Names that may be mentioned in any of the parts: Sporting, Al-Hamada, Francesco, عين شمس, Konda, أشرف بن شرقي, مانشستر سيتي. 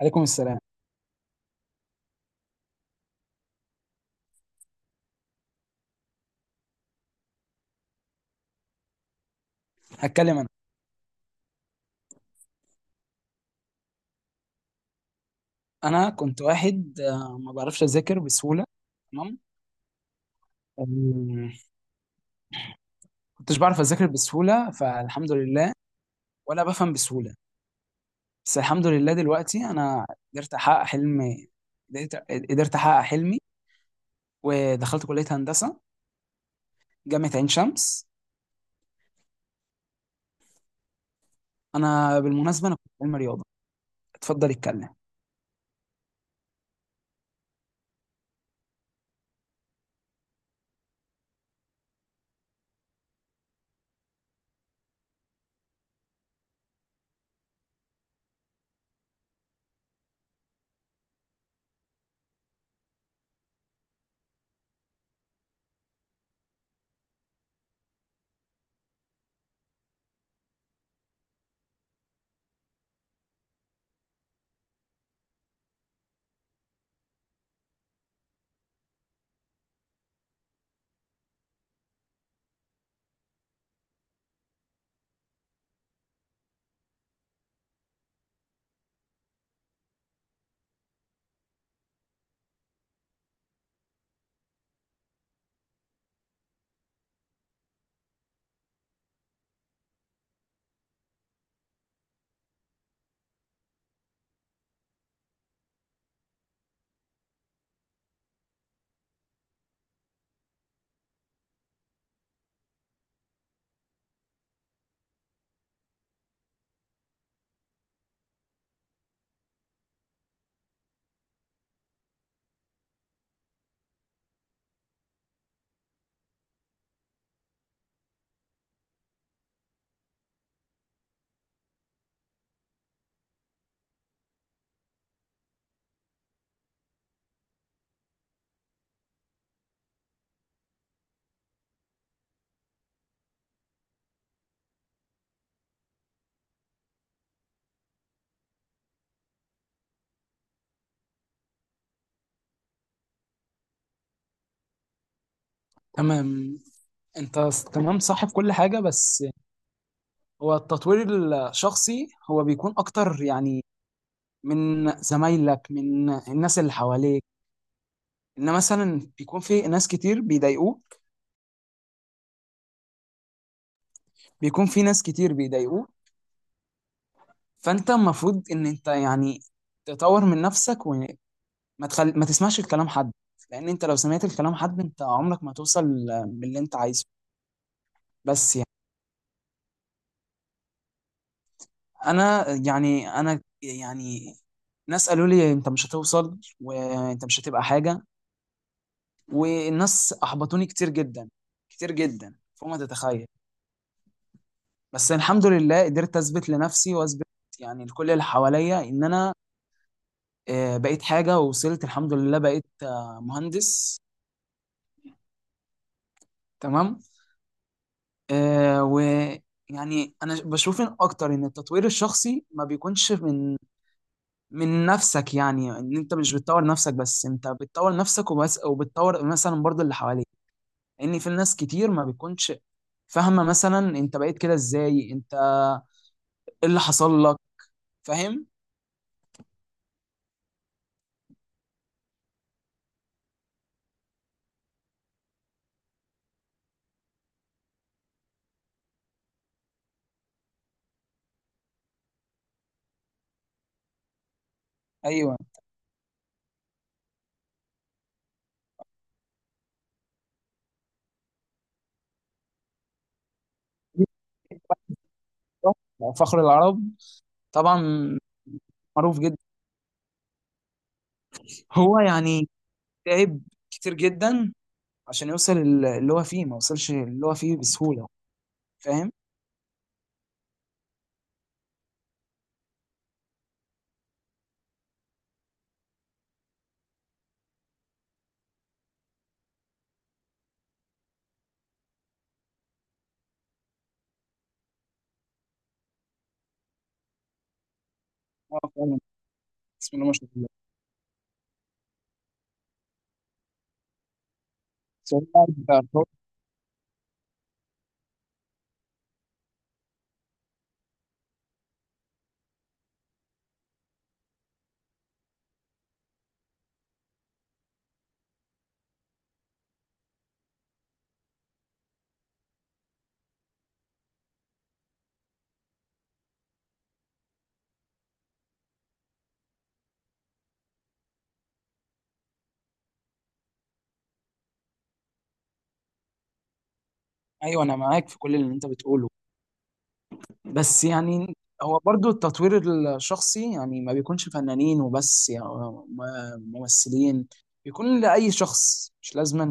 عليكم السلام. هتكلم انا. انا كنت واحد ما بعرفش اذاكر بسهوله. تمام. أم، كنتش بعرف اذاكر بسهوله، فالحمد لله. ولا بفهم بسهوله. بس الحمد لله دلوقتي انا قدرت احقق حلمي. قدرت قدرت احقق حلمي، ودخلت كليه هندسه، جامعه عين شمس. انا بالمناسبه انا كنت علم رياضه. اتفضل اتكلم. تمام. تمام، صح في كل حاجه. بس هو التطوير الشخصي هو بيكون اكتر يعني من زمايلك، من الناس اللي حواليك. ان مثلا بيكون في ناس كتير بيضايقوه. بيكون في ناس كتير بيضايقوه فانت المفروض ان انت يعني تطور من نفسك، ما تسمعش الكلام حد. لان انت لو سمعت الكلام حد انت عمرك ما توصل باللي انت عايزه. بس يعني انا يعني ناس قالوا لي انت مش هتوصل وانت مش هتبقى حاجة، والناس احبطوني كتير جدا، كتير جدا فوق ما تتخيل. بس الحمد لله قدرت اثبت لنفسي واثبت يعني لكل اللي حواليا ان انا بقيت حاجه، ووصلت الحمد لله بقيت مهندس. تمام. ويعني انا بشوف إن اكتر ان التطوير الشخصي ما بيكونش من نفسك. يعني ان انت مش بتطور نفسك بس، انت بتطور نفسك وبس، وبتطور مثلا برضو اللي حواليك. لان في ناس كتير ما بيكونش فاهمه، مثلا انت بقيت كده ازاي، انت ايه اللي حصل لك؟ فاهم. ايوه، فخر العرب طبعا، معروف جدا. هو يعني تعب كتير جدا عشان يوصل اللي هو فيه، ما وصلش اللي هو فيه بسهولة. فاهم؟ اه فعلا. بسم الله ما شاء الله. بس هو قاعد بقى- ايوه انا معاك في كل اللي انت بتقوله. بس يعني هو برضو التطوير الشخصي يعني ما بيكونش فنانين وبس، يعني ممثلين. بيكون لأي شخص، مش لازما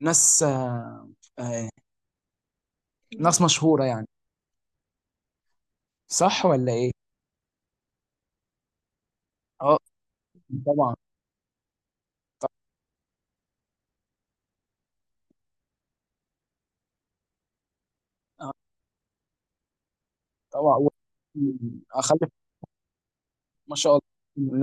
لناس آه، ناس مشهورة يعني. صح ولا ايه؟ اه طبعا. طبعا اخلف. ما شاء الله.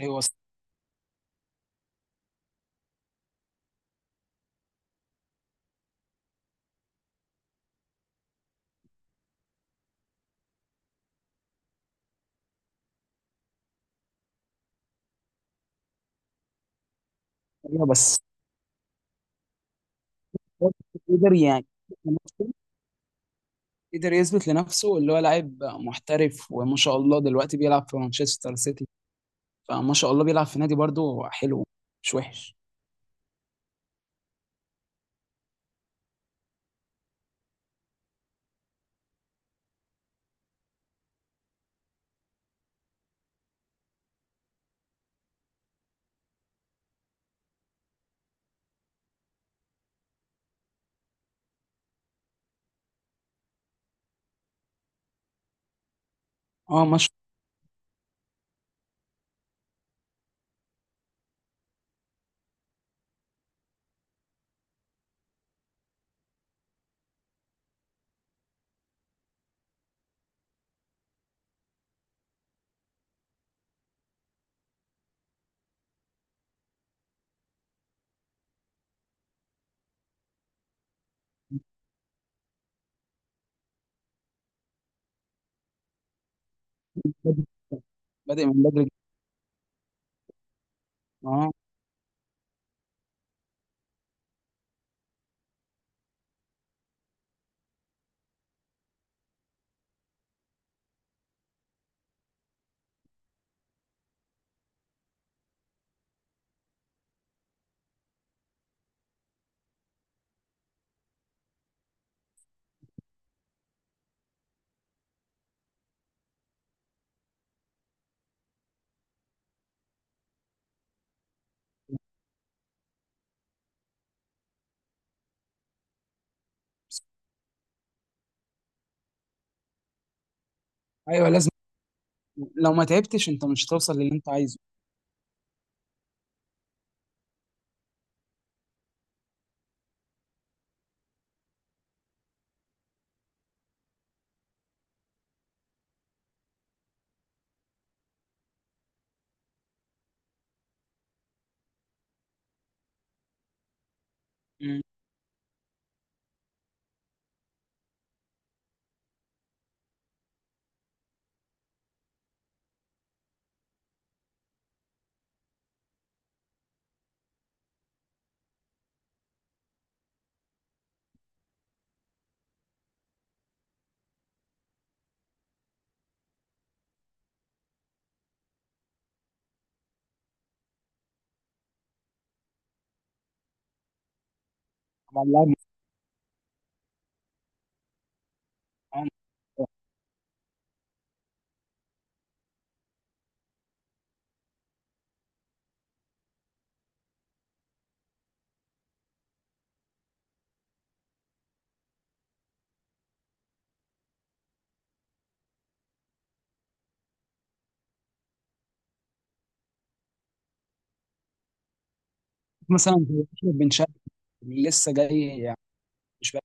ايوه. أيوة، بس هو قدر يعني قدر يثبت لنفسه اللي هو لاعب محترف، وما شاء الله دلوقتي بيلعب في مانشستر سيتي. فما شاء الله بيلعب في نادي برضه حلو، مش وحش. اه ما شاء الله. بادئ من بدري جداً. اه ايوه لازم. لو ما تعبتش انت مش هتوصل للي انت عايزه. مم. طبعا لاعب، مثلا زي أشرف بن شرقي اللي لسه جاي يعني. مش